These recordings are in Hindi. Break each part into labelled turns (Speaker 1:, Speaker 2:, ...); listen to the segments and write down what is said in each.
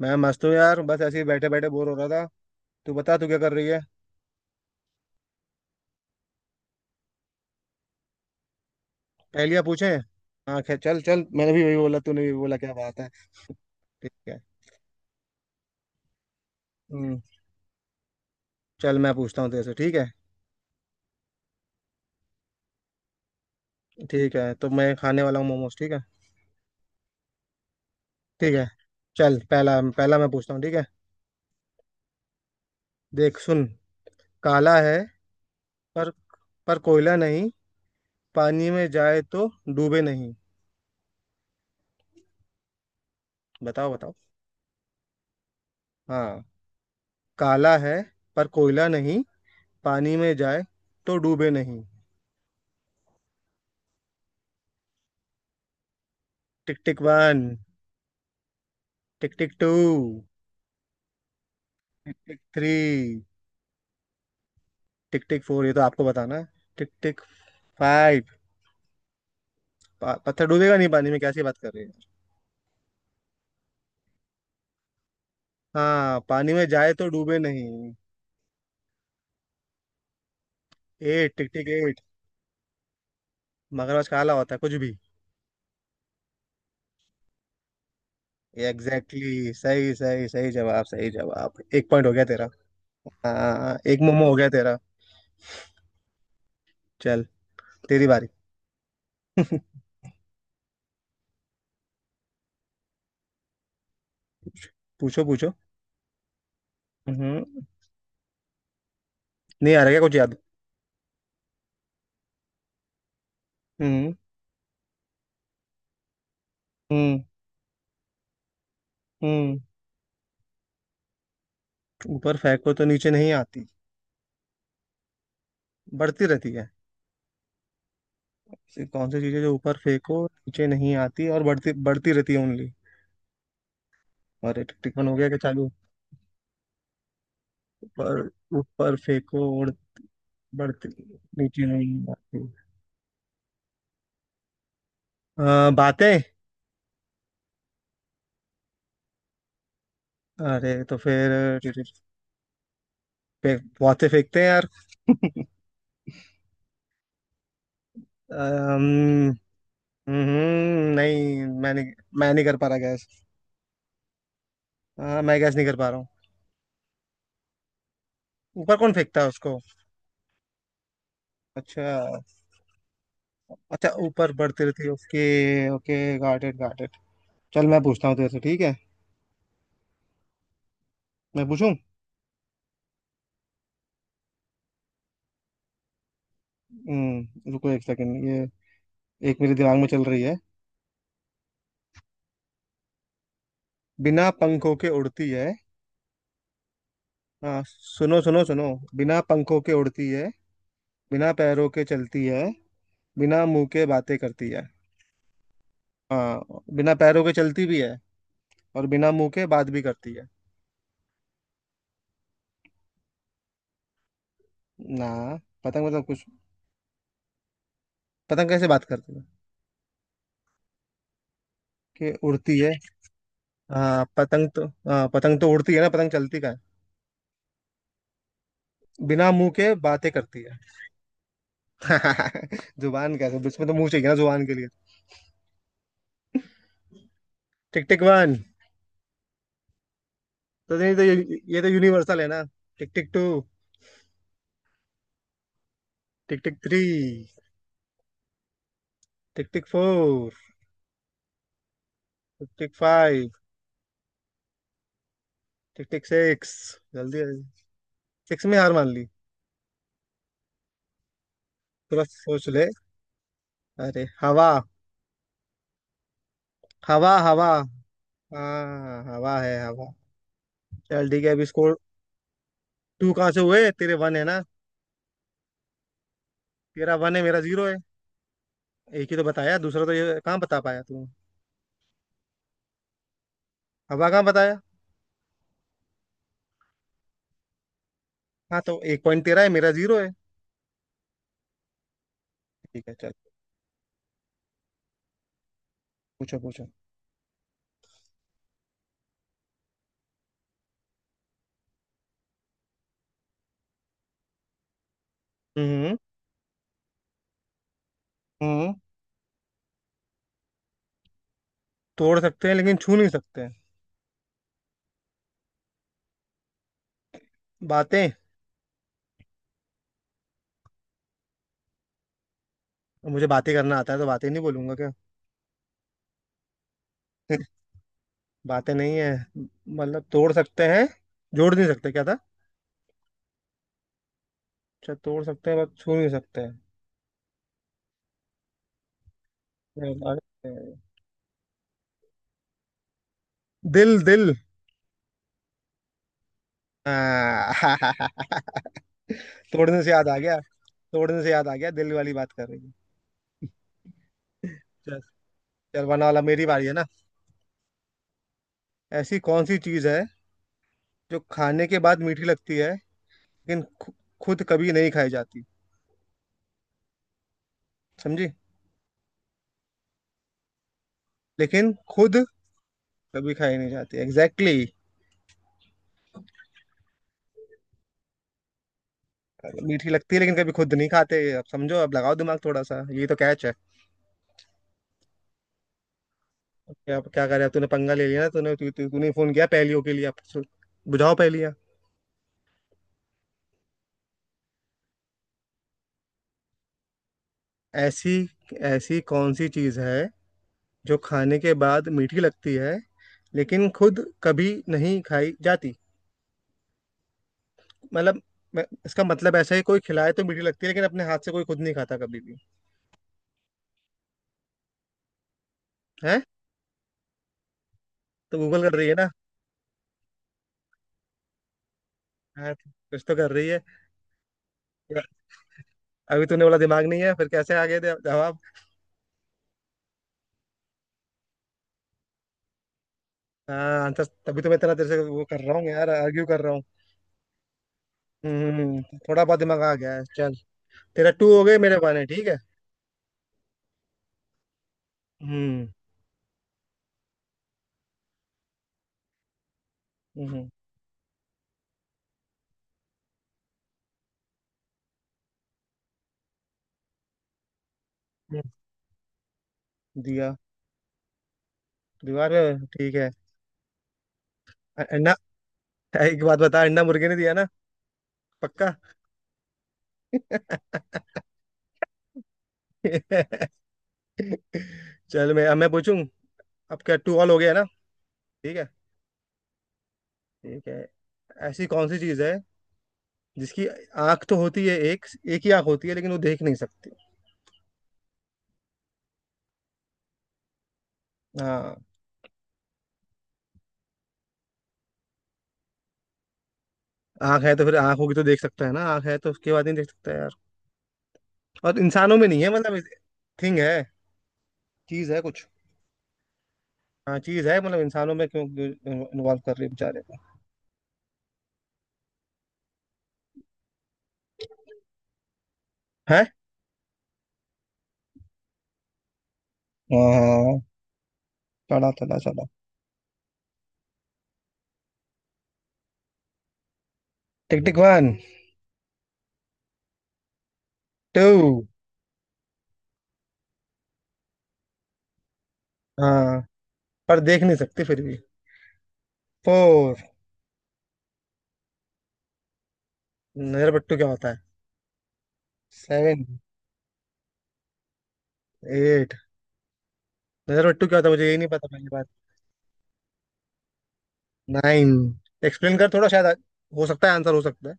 Speaker 1: मैं मस्त हूँ यार। बस ऐसे ही बैठे बैठे बोर हो रहा था। तू बता तू क्या कर रही है। पहेलियां पूछे। हाँ खैर चल चल मैंने भी वही बोला तूने भी बोला क्या बात है। ठीक है। हम्म। चल मैं पूछता हूँ तेरे से ठीक है। ठीक है तो मैं खाने वाला हूँ मोमोज ठीक है। ठीक है चल पहला पहला मैं पूछता हूँ ठीक है। देख सुन। काला है पर पर कोयला नहीं। पानी में जाए तो डूबे नहीं। बताओ बताओ। हाँ काला है पर कोयला नहीं। पानी में जाए तो डूबे नहीं। Tick tick one tick tick two tick tick three tick tick four ये तो आपको बताना है। टिक टिक फाइव। पत्थर डूबेगा नहीं पानी में कैसी बात कर रहे हैं। हाँ पानी में जाए तो डूबे नहीं। Eight tick tick eight. मगरमच्छ काला होता है कुछ भी। एग्जैक्टली। exactly, सही सही सही जवाब। सही जवाब। एक पॉइंट हो गया तेरा। हाँ एक मोमो हो गया तेरा। चल तेरी बारी। पूछो पूछो। हम्म। नहीं आ रहा क्या कुछ याद। हम्म। हम्म। हम्म। ऊपर फेंको तो नीचे नहीं आती। बढ़ती रहती है। कि कौन सी चीजें जो ऊपर फेंको नीचे नहीं आती और बढ़ती बढ़ती रहती है ओनली। और टिफिन हो गया कि चालू। ऊपर ऊपर फेंको उड़ बढ़ती नीचे नहीं आती। बातें। अरे तो फिर बहुत से फेंकते हैं यार। अम्म, नहीं मैं नहीं कर पा रहा गैस। हाँ मैं गैस नहीं कर पा रहा हूँ। ऊपर कौन फेंकता है उसको। अच्छा। अच्छा ऊपर बढ़ती रहती है okay. Okay got it got it. चल मैं पूछता हूँ तेरे से ठीक है। मैं पूछूं। रुको एक सेकंड ये एक मेरे दिमाग में चल रही है। बिना पंखों के उड़ती है। हाँ सुनो सुनो सुनो। बिना पंखों के उड़ती है। बिना पैरों के चलती है। बिना मुंह के बातें करती है। हाँ बिना पैरों के चलती भी है और बिना मुंह के बात भी करती है। ना पतंग मतलब कुछ। पतंग कैसे बात करती है। कि उड़ती है। हाँ पतंग तो उड़ती है ना पतंग चलती का है। बिना मुंह के बातें करती है। जुबान कैसे इसमें तो मुंह चाहिए ना जुबान के लिए। टिक टिक वन। तो नहीं तो ये तो यूनिवर्सल है ना। Tick tick two tick tick three tick tick four tick tick five tick tick six जल्दी। सिक्स में हार मान ली। थोड़ा सोच ले। अरे हवा। हवा हवा। हाँ हवा है हवा। चल ठीक है अभी स्कोर। टू कहाँ से हुए तेरे वन है ना। तेरा वन है मेरा जीरो है। एक ही तो बताया दूसरा तो ये कहाँ बता पाया तू। हवा कहाँ बताया। हाँ तो एक पॉइंट तेरा है मेरा जीरो है। ठीक है चल। पूछो पूछो। हम्म। हम्म। तोड़ सकते हैं लेकिन छू नहीं सकते। बातें। मुझे बातें करना आता है तो बातें नहीं बोलूंगा क्या। बातें नहीं है मतलब तोड़ सकते हैं जोड़ नहीं सकते क्या था। अच्छा तोड़ सकते हैं बस छू नहीं सकते हैं। अरे, दिल दिल हाँ। तोड़ने से याद आ गया। तोड़ने से याद आ गया दिल वाली बात कर रही है। चल। चल वरना वाला मेरी बारी है ना। ऐसी कौन सी चीज है जो खाने के बाद मीठी लगती है लेकिन खुद कभी नहीं खाई जाती। समझी। लेकिन खुद कभी खाई नहीं जाती एग्जैक्टली। मीठी लगती है लेकिन कभी खुद नहीं खाते अब समझो अब लगाओ दिमाग थोड़ा सा ये तो कैच है। अब क्या क्या करे अब तूने पंगा ले लिया ना तूने तू, तू, तूने फोन किया पहेलियों के लिए अब बुझाओ पहेलियां। ऐसी ऐसी कौन सी चीज है जो खाने के बाद मीठी लगती है लेकिन खुद कभी नहीं खाई जाती मतलब इसका मतलब ऐसा है कोई खिलाए तो मीठी लगती है लेकिन अपने हाथ से कोई खुद नहीं खाता कभी भी। है। तो गूगल कर रही है ना। हाँ, कुछ तो कर रही है। अभी तूने बोला दिमाग नहीं है फिर कैसे आ गया जवाब। हाँ तो तभी तो मैं तेरा तेरे से वो कर रहा हूँ यार आर्ग्यू कर रहा हूँ। हम्म। थोड़ा बहुत दिमाग आ गया है चल। तेरा टू हो गए मेरे पाने ठीक है। हम्म। हम्म। हम्म, दिया दीवार पे ठीक है। अंडा एक बात बता अंडा मुर्गे ने दिया ना पक्का। चल मैं अब मैं पूछूं। अब क्या टू ऑल हो गया ना। ठीक है। ठीक है ऐसी कौन सी चीज है जिसकी आंख तो होती है एक। एक ही आंख होती है लेकिन वो देख नहीं सकती। हाँ आंख है तो फिर आंख होगी तो देख सकता है ना आंख है तो उसके बाद नहीं देख सकता। और इंसानों में नहीं है मतलब थिंग है चीज है कुछ। हाँ चीज है मतलब इंसानों में क्यों इन्वॉल्व कर रही है बेचारे को। है। हाँ चला चला चला। Tick tick one two. हाँ पर देख नहीं सकती फिर भी। फोर। नजर बट्टू क्या होता है। Seven eight. नजर बट्टू क्या होता है मुझे यही नहीं पता पहली बात। नाइन। एक्सप्लेन कर थोड़ा शायद हो सकता है आंसर हो सकता है।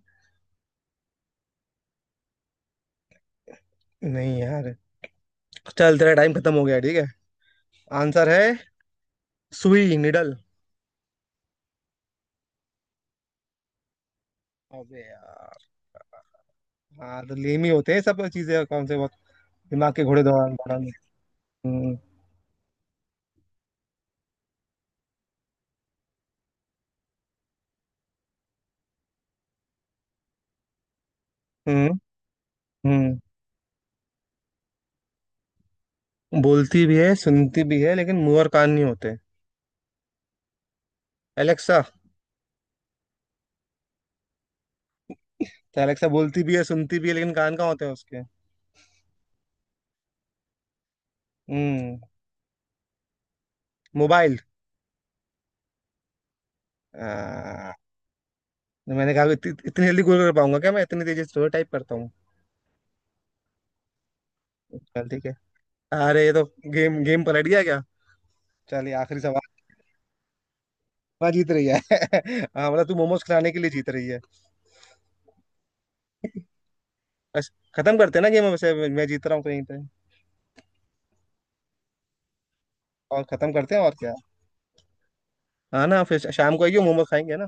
Speaker 1: नहीं यार। चल तेरा टाइम खत्म हो गया ठीक है। आंसर है सुई निडल। अबे यार। हाँ तो लेम ही होते हैं सब चीजें कौन से बहुत। दिमाग के घोड़े दौड़ाने दौड़ाने। हम्म। हम्म। हम्म बोलती भी है सुनती भी है लेकिन मुंह और कान नहीं होते। एलेक्सा। तो एलेक्सा बोलती भी है सुनती भी है लेकिन कान कहाँ होते हैं उसके। हम्म। मोबाइल। आ, तो मैंने कहा इतनी जल्दी गूगल कर पाऊंगा क्या मैं इतनी तेजी से टाइप करता हूँ। चल ठीक है। अरे ये तो गेम गेम पलट गया क्या। चलिए आखिरी सवाल। हाँ जीत रही है। हाँ मतलब तू मोमोज खिलाने के लिए जीत रही है। बस खत्म करते हैं ना गेम वैसे मैं जीत रहा हूँ कहीं पे। और खत्म करते हैं और क्या। हाँ ना फिर शाम को आइयो मोमो खाएंगे ना।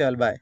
Speaker 1: चल बाय।